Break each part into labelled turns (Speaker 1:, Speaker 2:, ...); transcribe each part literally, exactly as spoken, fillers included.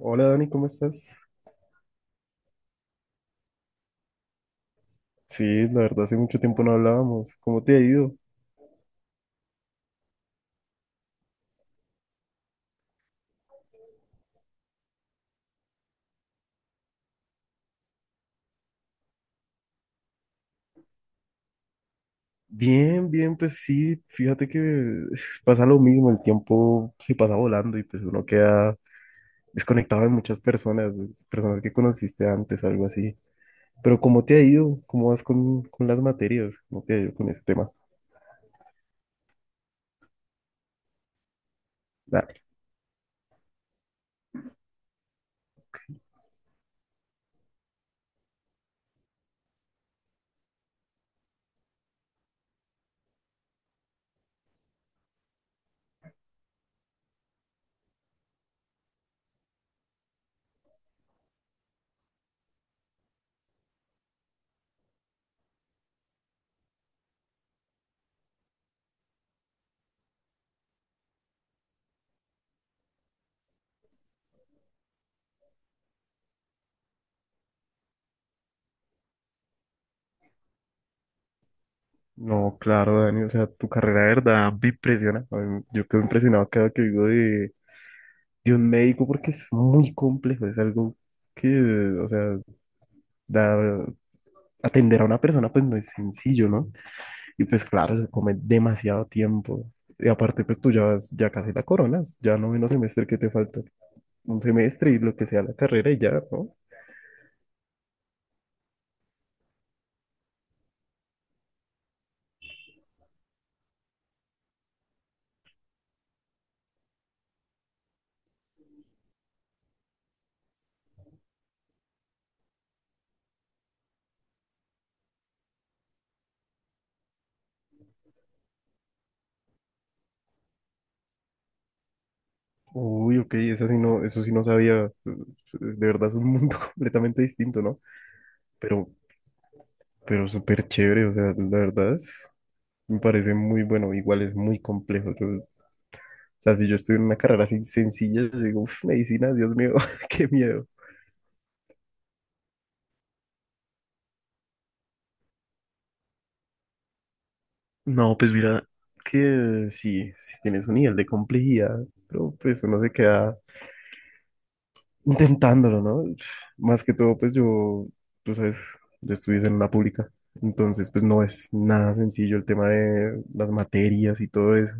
Speaker 1: Hola Dani, ¿cómo estás? Sí, la verdad hace mucho tiempo no hablábamos. ¿Cómo te ha ido? Bien, bien, pues sí, fíjate que es- pasa lo mismo, el tiempo se pasa volando y pues uno queda desconectado de muchas personas, de personas que conociste antes, algo así. Pero ¿cómo te ha ido? ¿Cómo vas con, con las materias? ¿Cómo te ha ido con ese tema? Dale. No, claro, Dani, o sea, tu carrera de verdad me impresiona. A mí- yo quedo impresionado cada que digo de un médico porque es muy complejo, es algo que, o sea, da- atender a una persona pues no es sencillo, ¿no? Y pues claro, se come demasiado tiempo. Y aparte pues tú ya vas, ya casi la coronas, ya noveno semestre que te falta, un semestre y lo que sea la carrera y ya, ¿no? Uy, ok, eso sí no, eso sí no sabía, pues, de verdad es un mundo completamente distinto, ¿no? Pero, pero súper chévere, o sea, la verdad es, me parece muy bueno, igual es muy complejo. Yo O sea, si yo estuviera en una carrera así sencilla, yo digo, uff, medicina, Dios mío, qué miedo. No, pues mira, que sí, sí tienes un nivel de complejidad, pero pues uno se queda intentándolo, ¿no? Más que todo, pues yo, tú sabes, yo estudié en una pública, entonces pues no es nada sencillo el tema de las materias y todo eso.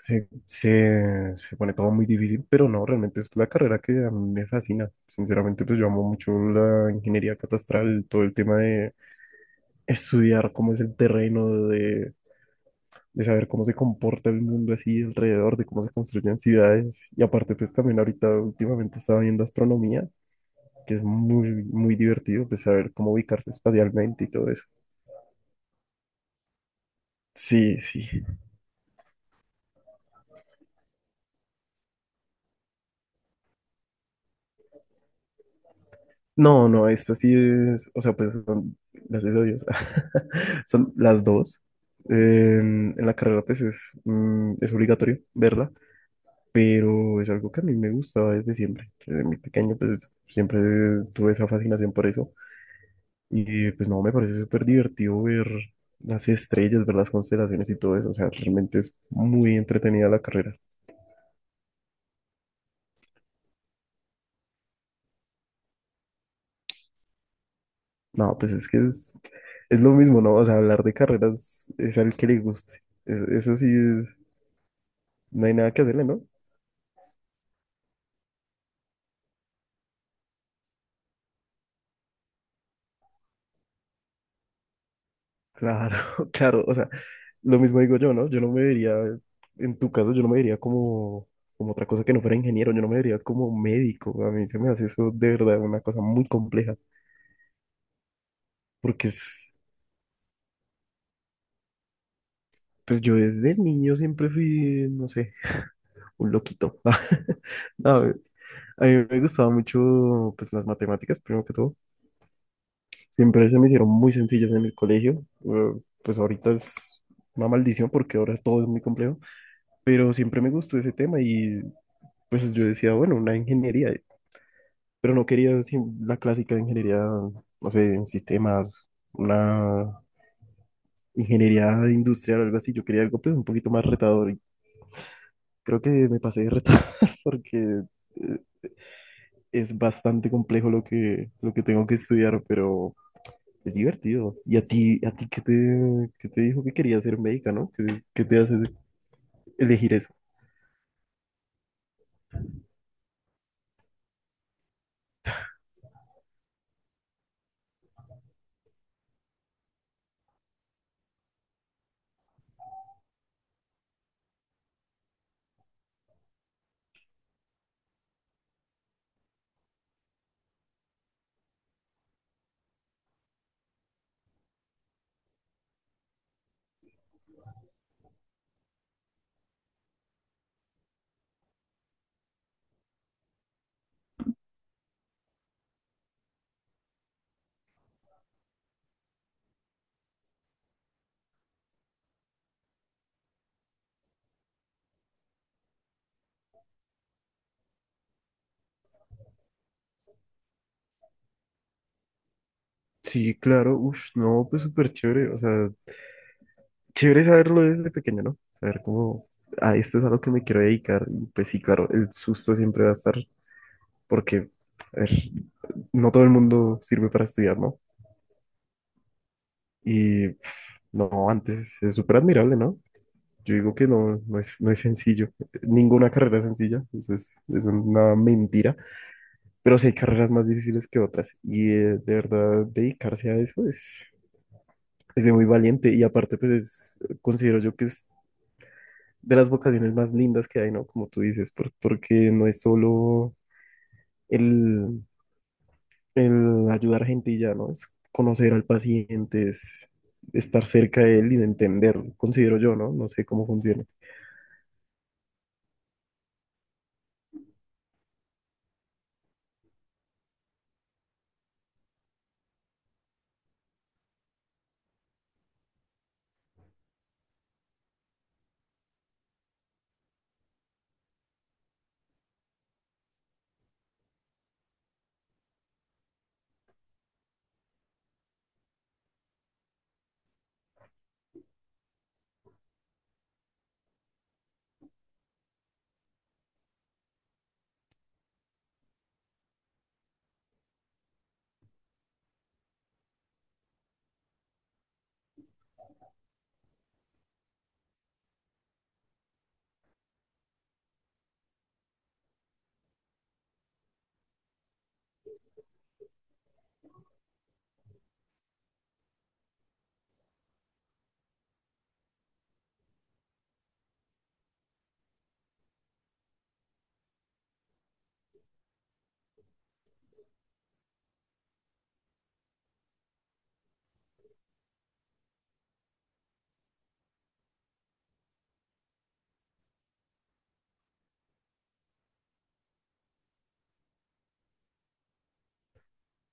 Speaker 1: Se, se, se pone todo muy difícil, pero no, realmente es la carrera que a mí me fascina. Sinceramente, pues yo amo mucho la ingeniería catastral, todo el tema de estudiar cómo es el terreno, de, de saber cómo se comporta el mundo así alrededor, de cómo se construyen ciudades. Y aparte, pues también ahorita últimamente estaba viendo astronomía, que es muy, muy divertido, pues saber cómo ubicarse espacialmente y todo eso. Sí, sí. No, no, esta sí es, o sea, pues son, gracias a Dios, son las dos. En, en la carrera, pues es, mm, es obligatorio verla, pero es algo que a mí me gustaba desde siempre. Desde muy pequeño, pues siempre tuve esa fascinación por eso. Y pues no, me parece súper divertido ver las estrellas, ver las constelaciones y todo eso. O sea, realmente es muy entretenida la carrera. No, pues es que es, es lo mismo, ¿no? O sea, hablar de carreras es al que le guste. Es- eso sí es, no hay nada que hacerle, ¿no? Claro, claro. O sea, lo mismo digo yo, ¿no? Yo no me vería, en tu caso, yo no me vería como, como otra cosa que no fuera ingeniero, yo no me vería como médico. A mí se me hace eso de verdad una cosa muy compleja, porque es, pues yo desde niño siempre fui, no sé, un loquito. No, a mí me gustaba mucho, pues las matemáticas, primero que todo. Siempre se me hicieron muy sencillas en el colegio. Eh, Pues ahorita es una maldición porque ahora todo es muy complejo, pero siempre me gustó ese tema y pues yo decía, bueno, una ingeniería. Pero no quería sí, la clásica de ingeniería, no sé, en sistemas, una ingeniería industrial o algo así. Yo quería algo pues, un poquito más retador y creo que me pasé de retar porque eh, es bastante complejo lo que, lo que tengo que estudiar, pero es divertido. ¿Y a ti, a ti qué te, qué te dijo que querías ser médica, ¿no? ¿Qué, ¿qué te hace elegir eso? Sí, claro, uff, no, pues súper chévere, o sea, chévere saberlo desde pequeño, ¿no? Saber cómo, ah, esto es a lo que me quiero dedicar. Y pues sí, claro, el susto siempre va a estar, porque, a ver, no todo el mundo sirve para estudiar, ¿no? Y pf, no, antes es súper admirable, ¿no? Yo digo que no, no es, no es sencillo. Ninguna carrera es sencilla, eso es, es una mentira. Pero sí hay carreras más difíciles que otras. Y eh, de verdad, dedicarse a eso es, es de muy valiente. Y aparte, pues es- considero yo que es de las vocaciones más lindas que hay, ¿no? Como tú dices, por- porque no es solo el, el ayudar gente y ya, ¿no? Es conocer al paciente, es estar cerca de él y de entenderlo, considero yo, ¿no? No sé cómo funciona.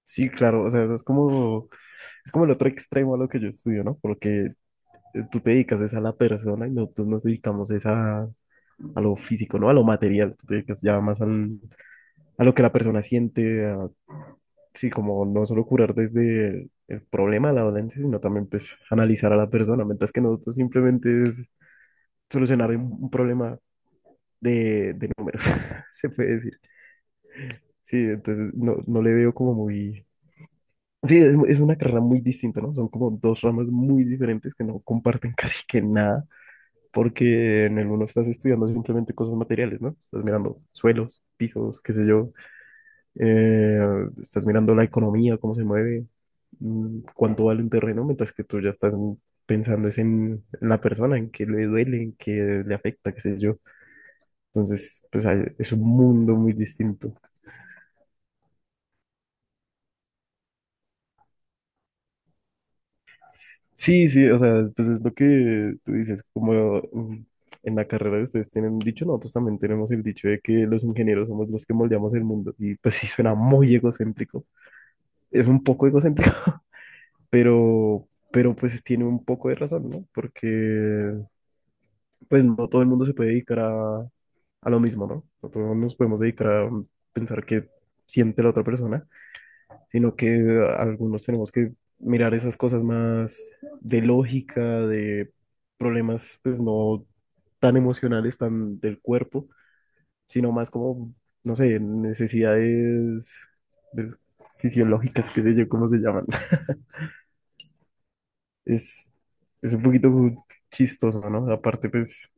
Speaker 1: Sí, claro, o sea, eso es como, es como el otro extremo a lo que yo estudio, ¿no? Porque eh, tú te dedicas es a la persona y nosotros nos dedicamos es a, a lo físico, ¿no? A lo material, tú te dedicas ya más al, a lo que la persona siente, a, sí, como no solo curar desde el, el problema, de la dolencia, sino también pues analizar a la persona, mientras que nosotros simplemente es solucionar un, un problema de, de números, se puede decir. Sí, entonces no, no le veo como muy... Sí, es, es una carrera muy distinta, ¿no? Son como dos ramas muy diferentes que no comparten casi que nada, porque en el uno estás estudiando simplemente cosas materiales, ¿no? Estás mirando suelos, pisos, qué sé yo, eh, estás mirando la economía, cómo se mueve, mm, cuánto vale un terreno, mientras que tú ya estás en- pensando es en, en la persona, en qué le duele, en qué le afecta, qué sé yo. Entonces, pues hay- es un mundo muy distinto. Sí, sí, o sea, pues es lo que tú dices, como mm, en la carrera de ustedes tienen un dicho, nosotros también tenemos el dicho de que los ingenieros somos los que moldeamos el mundo. Y pues sí, suena muy egocéntrico. Es un poco egocéntrico, pero, pero pues tiene un poco de razón, ¿no? Porque pues no todo el mundo se puede dedicar a, a lo mismo, ¿no? No todos nos podemos dedicar a pensar qué siente la otra persona, sino que algunos tenemos que mirar esas cosas más de lógica, de problemas, pues no tan emocionales, tan del cuerpo, sino más como, no sé, necesidades de- fisiológicas, qué sé yo, cómo se llaman. Es, es un poquito chistoso, ¿no? Aparte, pues